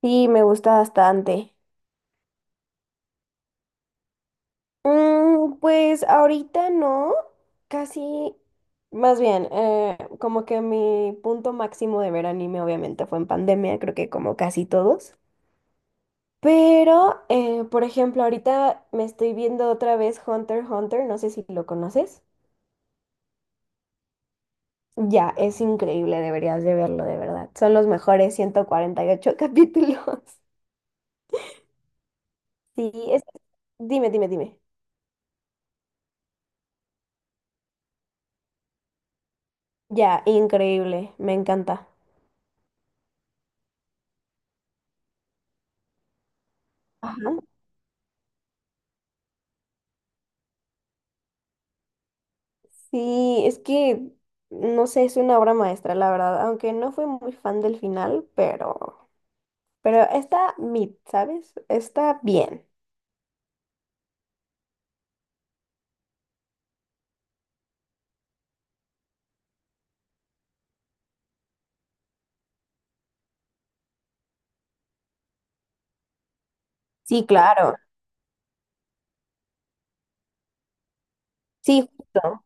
Sí, me gusta bastante. Mm, pues ahorita no, casi, más bien, como que mi punto máximo de ver anime obviamente fue en pandemia, creo que como casi todos. Pero, por ejemplo, ahorita me estoy viendo otra vez Hunter x Hunter, no sé si lo conoces. Ya, es increíble, deberías de verlo, de verdad. Son los mejores 148 capítulos. Sí, es... Dime, dime, dime. Ya, increíble, me encanta. Ajá. Sí, es que, no sé, es una obra maestra, la verdad, aunque no fui muy fan del final, pero está mid, ¿sabes? Está bien. Sí, claro. Sí, justo.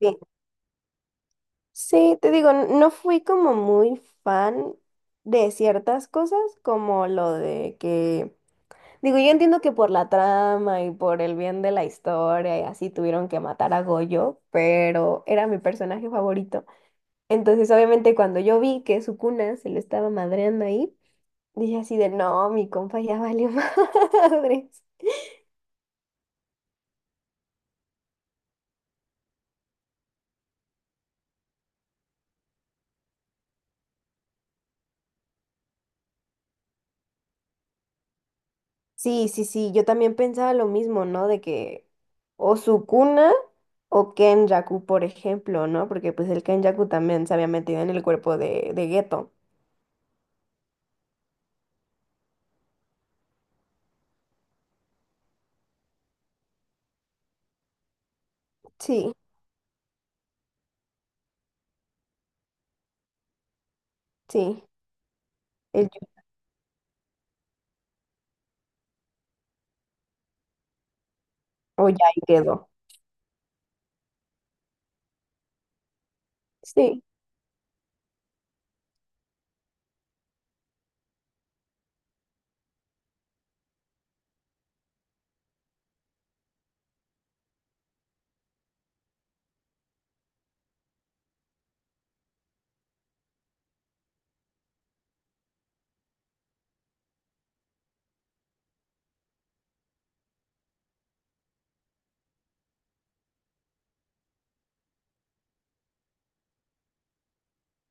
Sí. Sí, te digo, no fui como muy fan de ciertas cosas, como lo de que, digo, yo entiendo que por la trama y por el bien de la historia y así tuvieron que matar a Goyo, pero era mi personaje favorito. Entonces, obviamente, cuando yo vi que su cuna se lo estaba madreando ahí, dije así de, no, mi compa ya valió madres. Sí, sí, sí, yo también pensaba lo mismo, ¿no? De que o Sukuna o Kenjaku, por ejemplo, ¿no? Porque pues el Kenjaku también se había metido en el cuerpo de Geto. Sí, sí, El, Yu- o Yai quedó sí.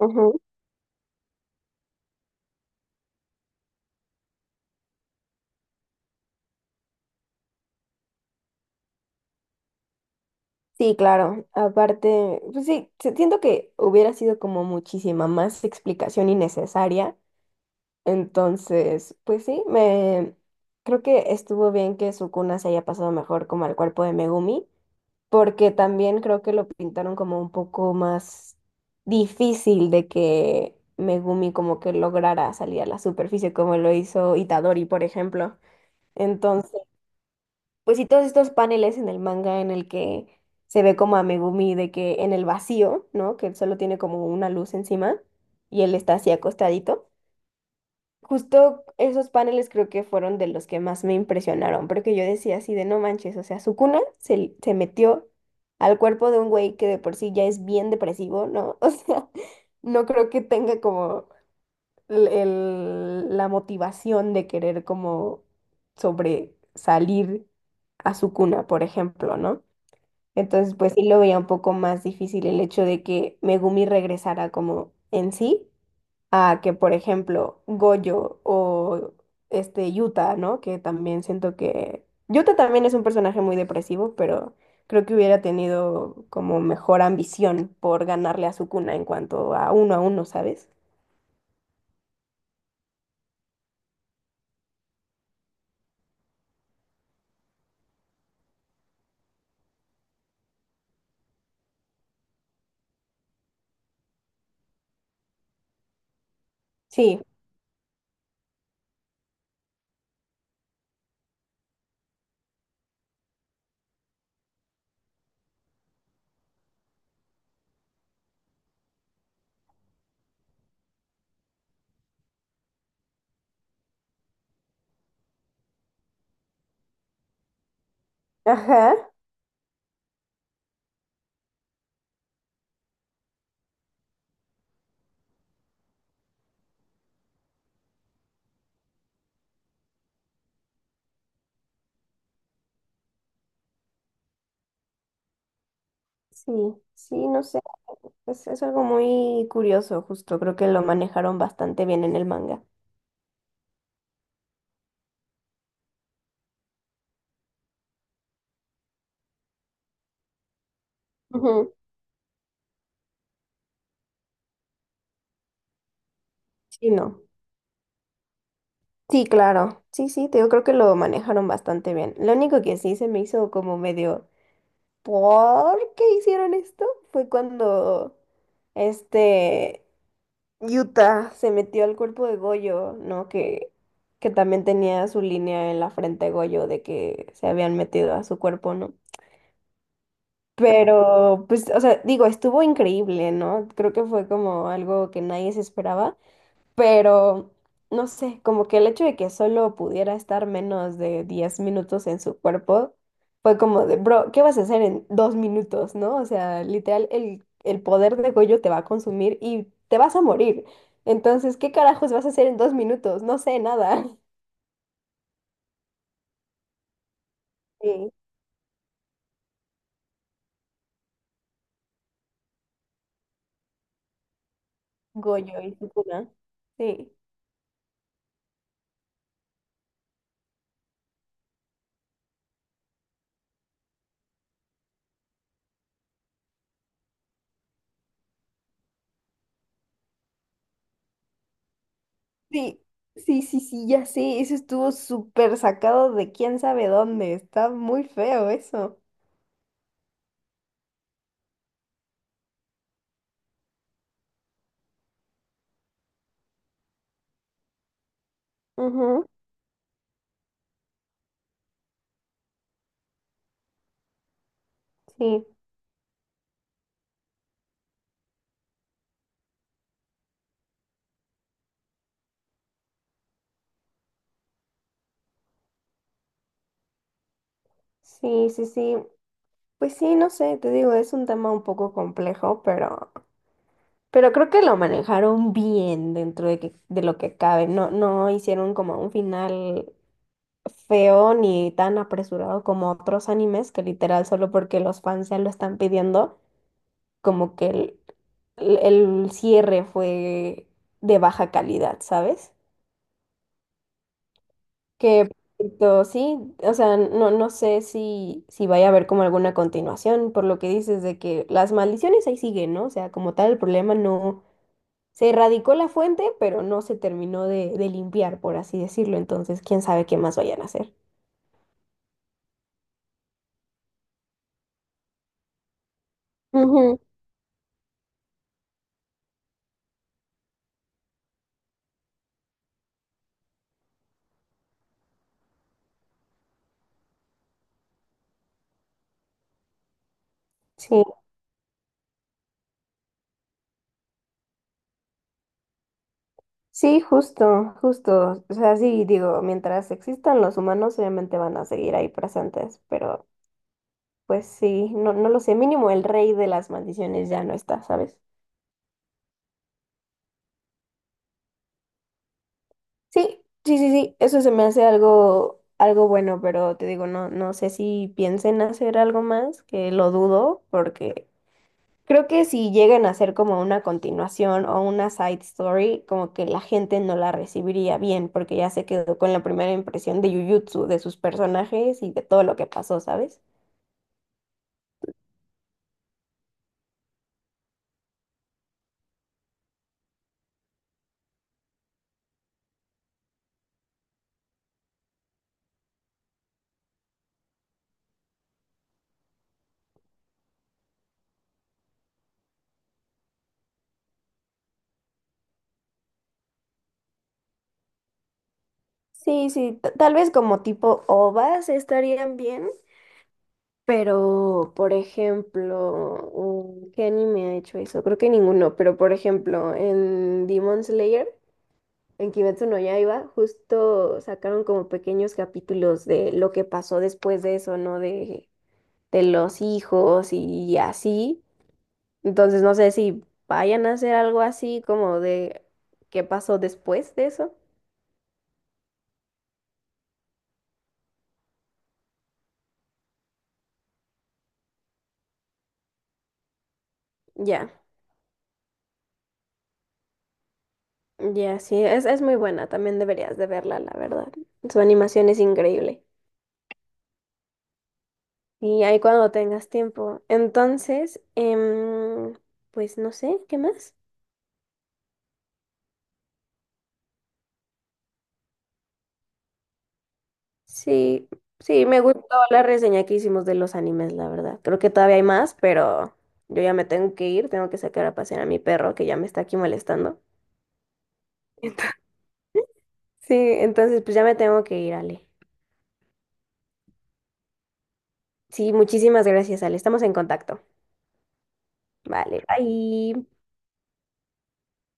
Ujú. Sí, claro. Aparte, pues sí, siento que hubiera sido como muchísima más explicación innecesaria. Entonces, pues sí, me creo que estuvo bien que Sukuna se haya pasado mejor como al cuerpo de Megumi, porque también creo que lo pintaron como un poco más difícil de que Megumi como que lograra salir a la superficie como lo hizo Itadori, por ejemplo. Entonces, pues sí, todos estos paneles en el manga en el que se ve como a Megumi de que en el vacío, ¿no? Que solo tiene como una luz encima y él está así acostadito. Justo esos paneles creo que fueron de los que más me impresionaron, porque yo decía así de no manches, o sea, su cuna se metió al cuerpo de un güey que de por sí ya es bien depresivo, ¿no? O sea, no creo que tenga como la motivación de querer como sobresalir a su cuna, por ejemplo, ¿no? Entonces, pues sí lo veía un poco más difícil el hecho de que Megumi regresara como en sí a que, por ejemplo, Goyo o este Yuta, ¿no? Que también siento que Yuta también es un personaje muy depresivo, pero creo que hubiera tenido como mejor ambición por ganarle a Sukuna en cuanto a uno, ¿sabes? Sí, ajá, sí, sí, no sé, es algo muy curioso, justo, creo que lo manejaron bastante bien en el manga. Ujú. Sí, no. Sí, claro. Sí, sí, te digo, creo que lo manejaron bastante bien. Lo único que sí se me hizo como medio. ¿Por qué hicieron esto? Fue cuando este Utah se metió al cuerpo de Goyo, ¿no? Que también tenía su línea en la frente de Goyo de que se habían metido a su cuerpo, ¿no? Pero, pues, o sea, digo, estuvo increíble, ¿no? Creo que fue como algo que nadie se esperaba. Pero, no sé, como que el hecho de que solo pudiera estar menos de 10 minutos en su cuerpo fue como de, bro, ¿qué vas a hacer en 2 minutos, no? O sea, literal, el poder de Goyo te va a consumir y te vas a morir. Entonces, ¿qué carajos vas a hacer en 2 minutos? No sé nada. Sí, Goyo y Sukuna. Sí. Sí, sí, sí, sí, ya sé, eso estuvo súper sacado de quién sabe dónde. Está muy feo eso. Ujú, sí, sí, sí, sí. Pues sí, no sé, te digo, es un tema un poco complejo, pero creo que lo manejaron bien dentro de, de lo que cabe. No, no hicieron como un final feo ni tan apresurado como otros animes, que literal solo porque los fans ya lo están pidiendo, como que el el cierre fue de baja calidad, ¿sabes? Que perfecto, sí, o sea, no, no sé si, si vaya a haber como alguna continuación, por lo que dices de que las maldiciones ahí siguen, ¿no? O sea, como tal, el problema no se erradicó la fuente, pero no se terminó de limpiar, por así decirlo. Entonces, quién sabe qué más vayan a hacer. Ujú, sí, sí, justo, justo. O sea, sí, digo, mientras existan los humanos, obviamente van a seguir ahí presentes, pero pues sí, no, no lo sé, mínimo el rey de las maldiciones ya no está, ¿sabes? Sí, sí, sí, sí, eso se me hace algo, algo bueno, pero te digo, no, no sé si piensen hacer algo más, que lo dudo, porque creo que si llegan a hacer como una continuación o una side story, como que la gente no la recibiría bien, porque ya se quedó con la primera impresión de Jujutsu, de sus personajes y de todo lo que pasó, ¿sabes? Sí, sí, tal vez como tipo OVAs estarían bien. Pero, por ejemplo, mm, ¿qué anime ha hecho eso? Creo que ninguno, pero por ejemplo, en Demon Slayer, en Kimetsu no Yaiba, justo sacaron como pequeños capítulos de lo que pasó después de eso, ¿no? De los hijos y así. Entonces, no sé si vayan a hacer algo así como de qué pasó después de eso. Ya, ya, sí, es muy buena, también deberías de verla, la verdad. Su animación es increíble. Y ahí cuando tengas tiempo. Entonces, pues no sé, ¿qué más? Sí, sí, me gustó la reseña que hicimos de los animes, la verdad. Creo que todavía hay más, pero yo ya me tengo que ir, tengo que sacar a pasear a mi perro que ya me está aquí molestando. Sí, entonces pues ya me tengo que ir, Ale. Sí, muchísimas gracias, Ale. Estamos en contacto. Vale, bye.